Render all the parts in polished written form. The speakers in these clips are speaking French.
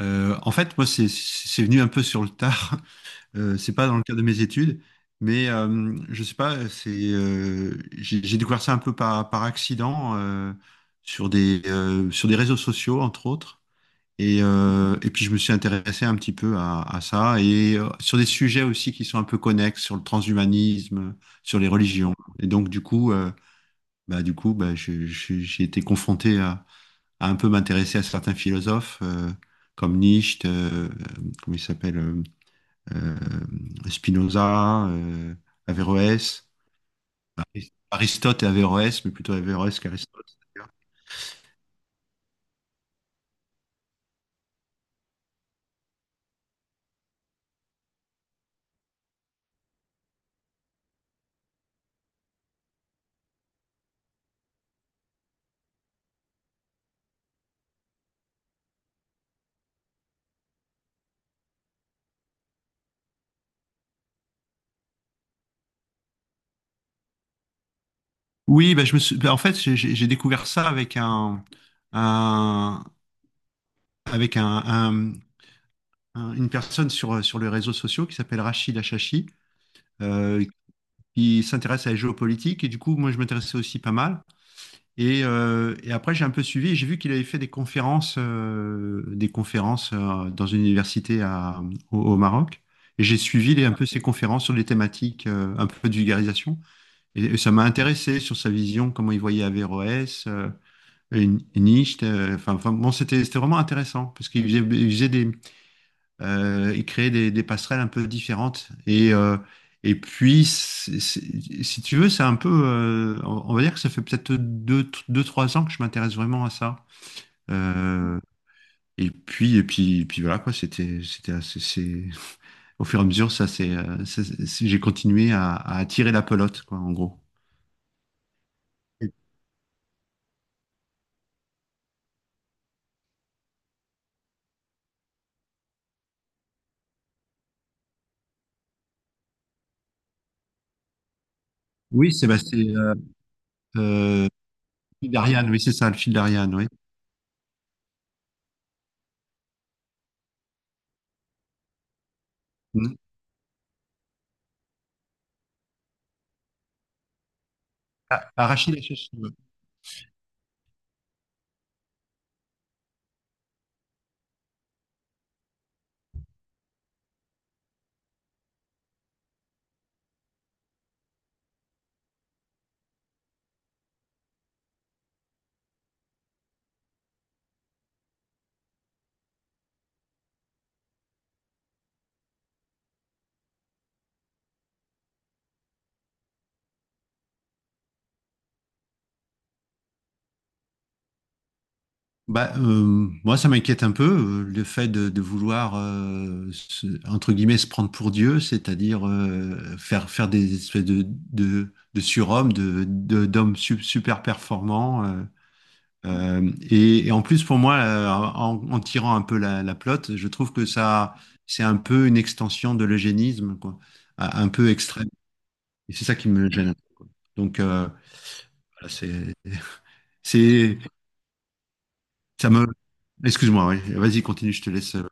En fait, moi, c'est venu un peu sur le tard. C'est pas dans le cadre de mes études, mais je sais pas. C'est J'ai découvert ça un peu par accident, sur des réseaux sociaux entre autres. Et puis je me suis intéressé un petit peu à ça et sur des sujets aussi qui sont un peu connexes sur le transhumanisme, sur les religions. Et donc du coup, bah du coup, bah je- j'ai été confronté à un peu m'intéresser à certains philosophes comme Nietzsche, comment il s'appelle, Spinoza, Averroès, Aristote et Averroès, mais plutôt Averroès qu'Aristote d'ailleurs. Oui, je me suis- bah, en fait, j'ai découvert ça avec un- avec un, un- une personne sur les réseaux sociaux qui s'appelle Rachid Achachi, euh, qui s'intéresse à la géopolitique. Et du coup, moi, je m'intéressais aussi pas mal. Et après, j'ai un peu suivi et j'ai vu qu'il avait fait des conférences dans une université au Maroc. Et j'ai suivi un peu ses conférences sur des thématiques un peu de vulgarisation. Et ça m'a intéressé sur sa vision, comment il voyait Averroès, et Nietzsche. Enfin, bon, c'était vraiment intéressant parce il faisait des, et créer des passerelles un peu différentes. Et puis, si tu veux, c'est un peu, on va dire que ça fait peut-être deux, trois ans que je m'intéresse vraiment à ça. Euh, et puis voilà quoi, c'était assez, au fur et à mesure, j'ai continué à attirer la pelote quoi, en gros. Oui, c'est bah, c'est euh, fil d'Ariane, oui c'est ça, le fil d'Ariane, oui. Mm. Ah, arracher les cheveux. Moi, ça m'inquiète un peu, le fait de vouloir, entre guillemets, se prendre pour Dieu, c'est-à-dire faire des espèces de surhommes, d'hommes super performants. Et en plus, pour moi, en tirant un peu la pelote, je trouve que ça, c'est un peu une extension de l'eugénisme, quoi, un peu extrême. Et c'est ça qui me gêne. Donc, euh, voilà, c'est, c'est, ça me... Excuse-moi, oui. Vas-y, continue, je te laisse.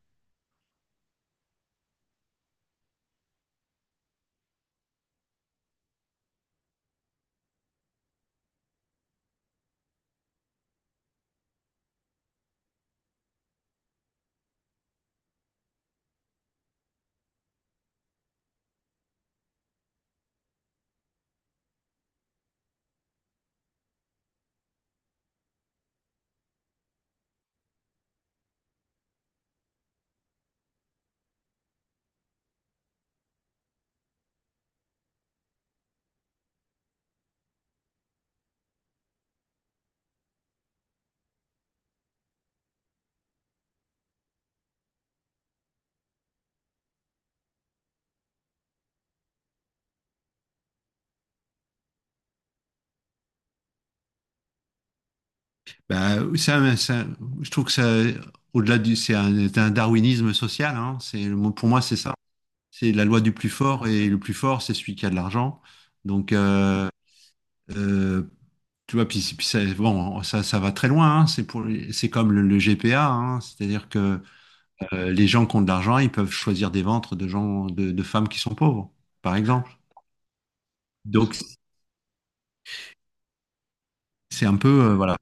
Bah, ça, ça- je trouve que ça, au-delà du, c'est un darwinisme social. Hein, pour moi, c'est ça. C'est la loi du plus fort et le plus fort, c'est celui qui a de l'argent. Donc, euh, euh, Tu vois, puis ça, bon, ça va très loin, hein, c'est comme le GPA, hein, c'est-à-dire que les gens qui ont de l'argent, ils peuvent choisir des ventres de gens, de femmes qui sont pauvres, par exemple. Donc, c'est un peu, voilà.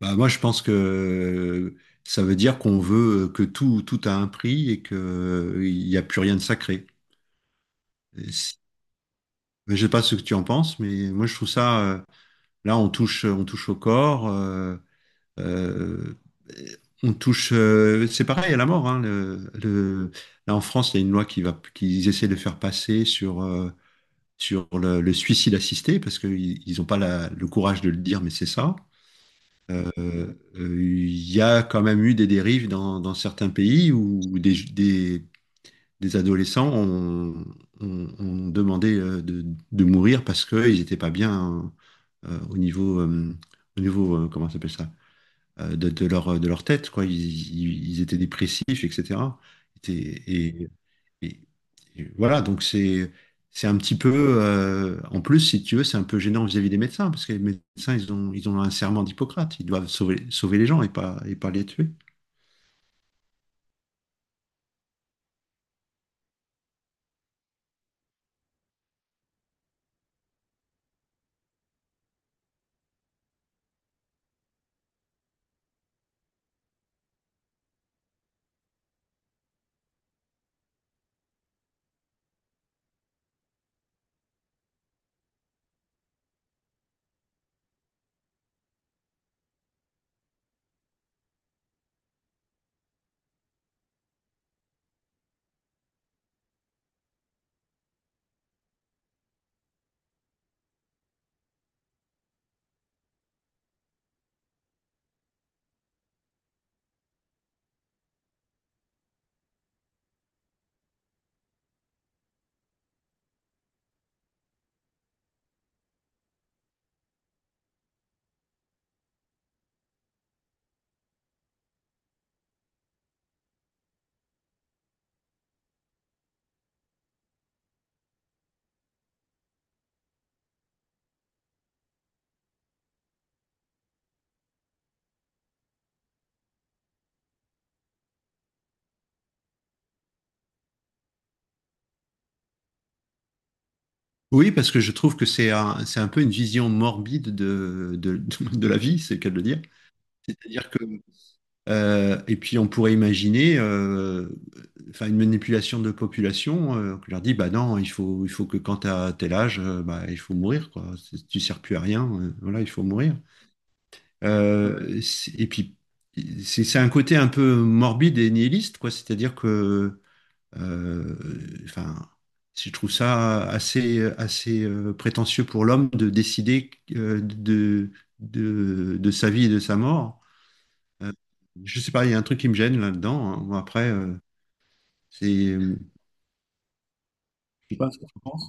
Moi, je pense que ça veut dire qu'on veut tout a un prix et que il n'y a plus rien de sacré. Et si... Je sais pas ce que tu en penses, mais moi, je trouve ça, là, on touche au corps, euh, on touche, c'est pareil à la mort, hein, là, en France, il y a une loi qui va, qu'ils essaient de faire passer sur, sur le suicide assisté parce qu'ils n'ont pas le courage de le dire, mais c'est ça. Euh, euh, Il y a quand même eu des dérives dans certains pays où des adolescents ont demandé de mourir parce qu'ils n'étaient pas bien euh, au niveau, euh, au niveau comment ça s'appelle ça, de leur tête, quoi. Ils étaient dépressifs, etc. Et, et- et voilà, donc c'est un petit peu, en plus, si tu veux, c'est un peu gênant vis-à-vis des médecins, parce que les médecins, ils ont un serment d'Hippocrate, ils doivent sauver, sauver les gens et pas les tuer. Oui, parce que je trouve que c'est un peu une vision morbide de la vie, c'est le cas de le dire. C'est-à-dire que, et puis on pourrait imaginer une manipulation de population, on leur dit, bah non, il faut que quand tu as tel âge, bah, il faut mourir, quoi. C'est... Tu sers plus à rien, voilà, il faut mourir. Euh, c'est- et puis, c'est un côté un peu morbide et nihiliste, quoi. Euh, enfin, je trouve ça assez, assez prétentieux pour l'homme de décider euh, de, de sa vie et de sa mort. Euh, je sais pas, il y a un truc qui me gêne là-dedans, hein. Bon, après, c'est Je sais pas ce que tu penses.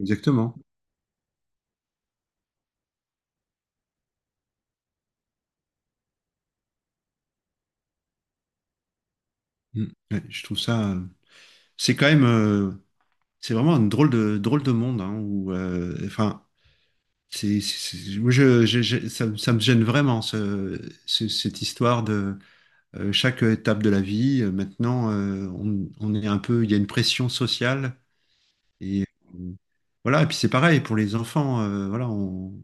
Exactement. Mm. Ouais, je trouve ça. C'est quand même, c'est vraiment un drôle de monde, hein, où, Moi, ça me gêne vraiment cette histoire de chaque étape de la vie. Maintenant, on est un peu, il y a une pression sociale et euh, voilà. Et puis c'est pareil pour les enfants. euh, voilà, on,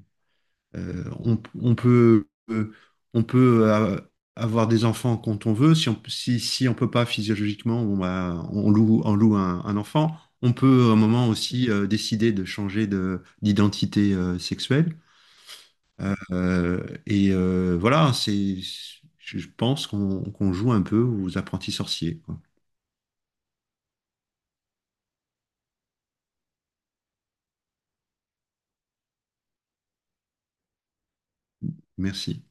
euh, on, On peut, on peut euh, avoir des enfants quand on veut. Si on peut pas physiologiquement, on loue un enfant. On peut à un moment aussi décider de changer d'identité sexuelle. Voilà, c'est, je pense qu'on joue un peu aux apprentis sorciers, quoi. Merci.